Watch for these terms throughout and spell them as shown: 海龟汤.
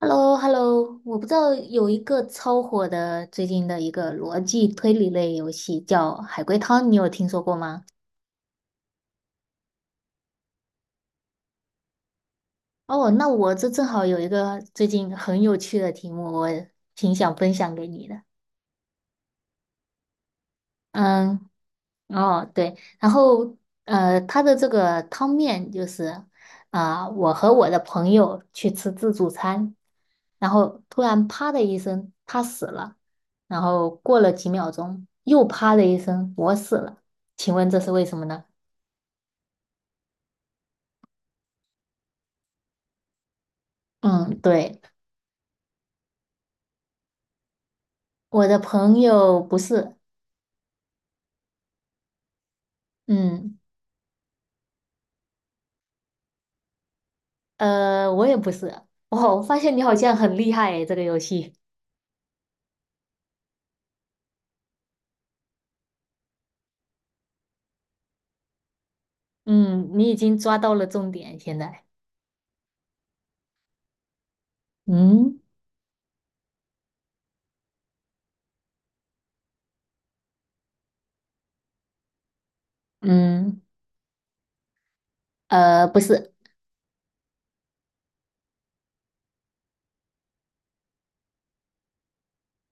h e l l o h e l l o 我不知道有一个超火的最近的一个逻辑推理类游戏叫《海龟汤》，你有听说过吗？哦，那我这正好有一个最近很有趣的题目，我挺想分享给你的。嗯，哦，对，然后它的这个汤面就是我和我的朋友去吃自助餐，然后突然啪的一声，他死了，然后过了几秒钟，又啪的一声，我死了，请问这是为什么呢？嗯，对，我的朋友不是。嗯，我也不是。哦，我发现你好像很厉害诶，这个游戏。嗯，你已经抓到了重点，现在，嗯嗯，不是。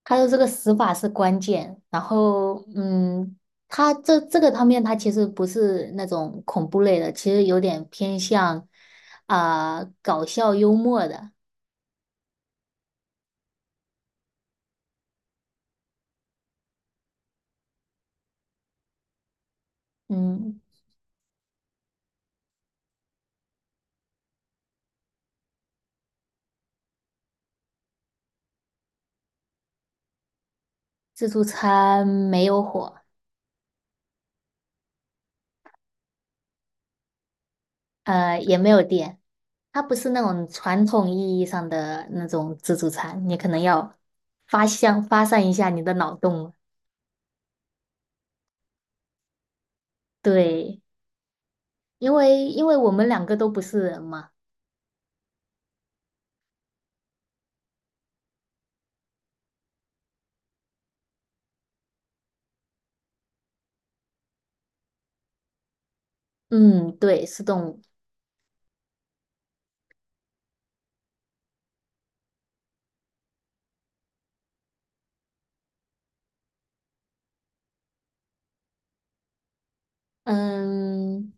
他的这个死法是关键，他这个方面他其实不是那种恐怖类的，其实有点偏向搞笑幽默的。嗯，自助餐没有火。也没有电，它不是那种传统意义上的那种自助餐，你可能要发散一下你的脑洞了。对，因为我们两个都不是人嘛。嗯，对，是动物。嗯，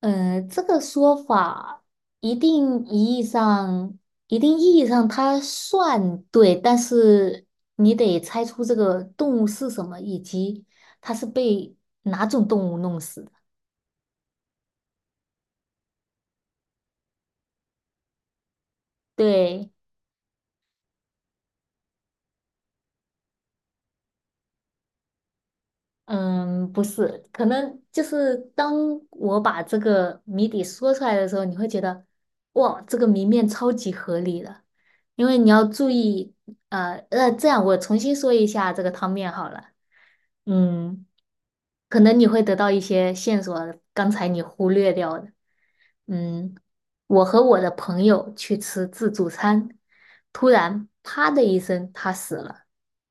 这个说法一定意义上，一定意义上它算对，但是你得猜出这个动物是什么，以及它是被哪种动物弄死的。对。嗯，不是，可能就是当我把这个谜底说出来的时候，你会觉得，哇，这个谜面超级合理的，因为你要注意。这样我重新说一下这个汤面好了。嗯，可能你会得到一些线索，刚才你忽略掉的。嗯，我和我的朋友去吃自助餐，突然啪的一声，他死了，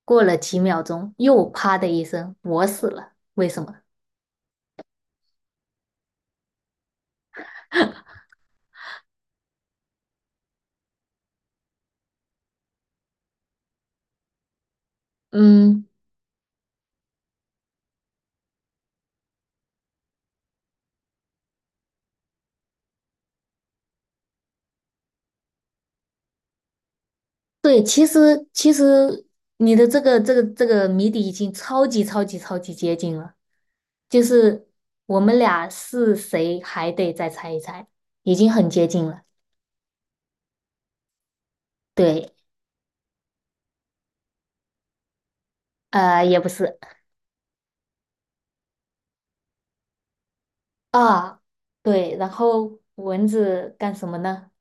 过了几秒钟，又啪的一声，我死了，为什么？嗯，对，其实你的这个谜底已经超级接近了，就是我们俩是谁还得再猜一猜，已经很接近了。对。也不是。啊，对，然后蚊子干什么呢？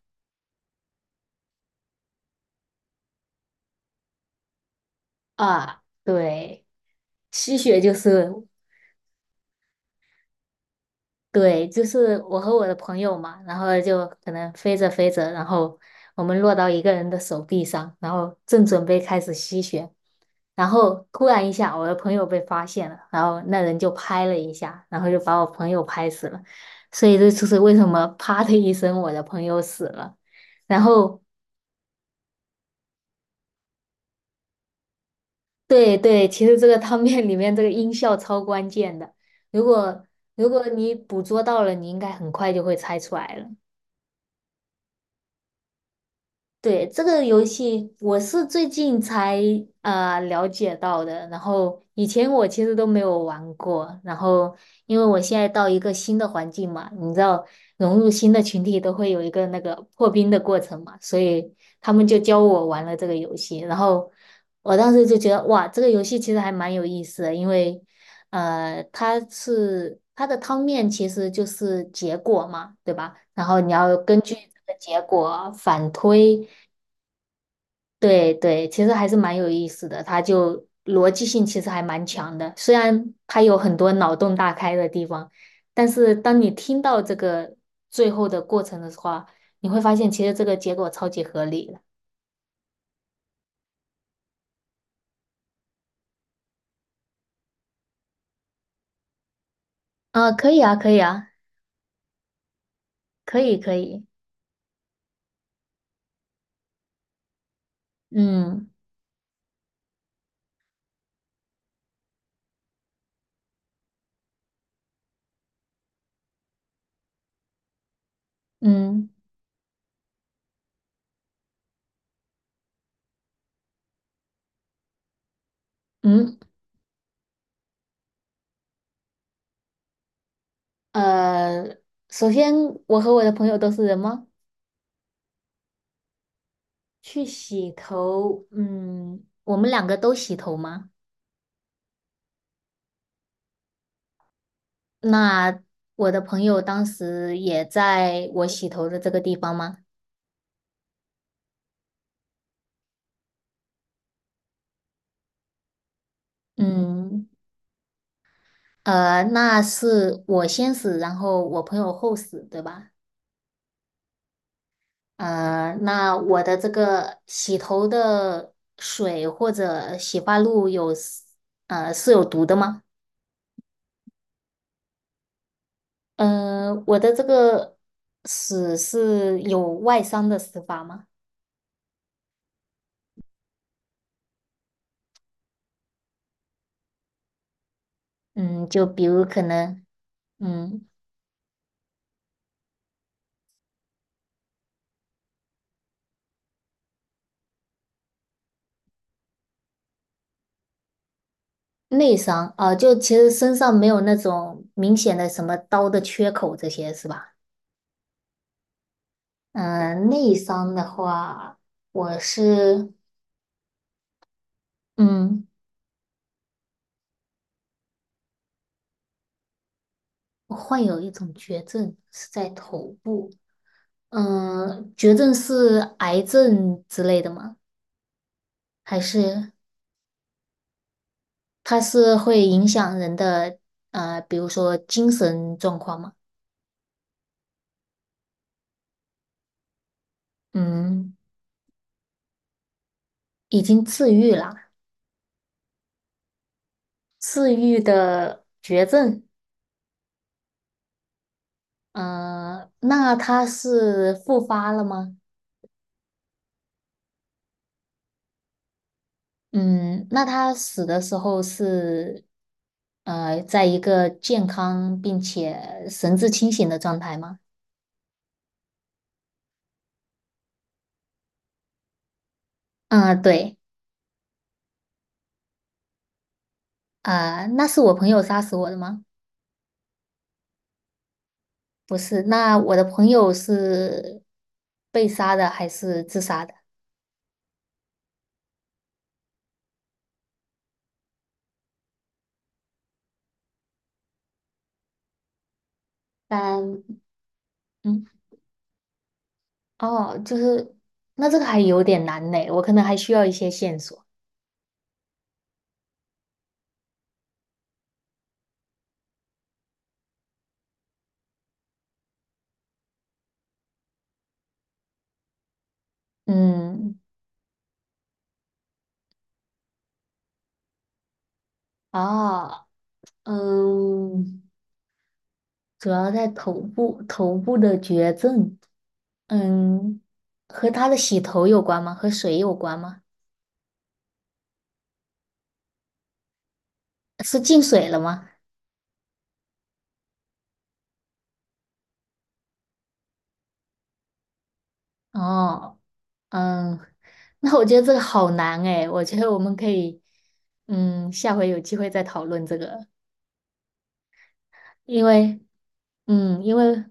啊，对，吸血就是。对，就是我和我的朋友嘛，然后就可能飞着，然后我们落到一个人的手臂上，然后正准备开始吸血，然后突然一下，我的朋友被发现了，然后那人就拍了一下，然后就把我朋友拍死了，所以这就是为什么啪的一声，我的朋友死了。然后，对对，其实这个汤面里面这个音效超关键的。如果如果你捕捉到了，你应该很快就会猜出来了。对，这个游戏我是最近才了解到的，然后以前我其实都没有玩过，然后因为我现在到一个新的环境嘛，你知道融入新的群体都会有一个那个破冰的过程嘛，所以他们就教我玩了这个游戏，然后我当时就觉得哇，这个游戏其实还蛮有意思的，因为它是它的汤面其实就是结果嘛，对吧？然后你要根据这个结果反推。对对，其实还是蛮有意思的，它就逻辑性其实还蛮强的，虽然它有很多脑洞大开的地方，但是当你听到这个最后的过程的话，你会发现其实这个结果超级合理的。啊，可以啊，可以啊，可以可以。嗯嗯嗯，呃，首先我和我的朋友都是人吗？去洗头，嗯，我们两个都洗头吗？那我的朋友当时也在我洗头的这个地方吗？嗯，那是我先死，然后我朋友后死，对吧？那我的这个洗头的水或者洗发露有，呃，是有毒的吗？嗯、我的这个死是有外伤的死法吗？嗯，就比如可能，嗯。内伤啊，就其实身上没有那种明显的什么刀的缺口这些是吧？嗯，内伤的话，我是嗯，我患有一种绝症是在头部。嗯，绝症是癌症之类的吗？还是它是会影响人的比如说精神状况吗？嗯，已经治愈了，治愈的绝症。嗯，那他是复发了吗？嗯，那他死的时候是，呃，在一个健康并且神志清醒的状态吗？嗯，对。啊，那是我朋友杀死我的吗？不是，那我的朋友是被杀的还是自杀的？但，嗯，哦，就是，那这个还有点难呢，我可能还需要一些线索。嗯，哦，嗯。主要在头部，头部的绝症。嗯，和他的洗头有关吗？和水有关吗？是进水了吗？哦，嗯，那我觉得这个好难诶，我觉得我们可以，嗯，下回有机会再讨论这个，因为，嗯，因为，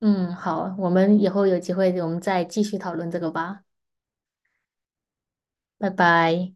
嗯，好，我们以后有机会我们再继续讨论这个吧，拜拜。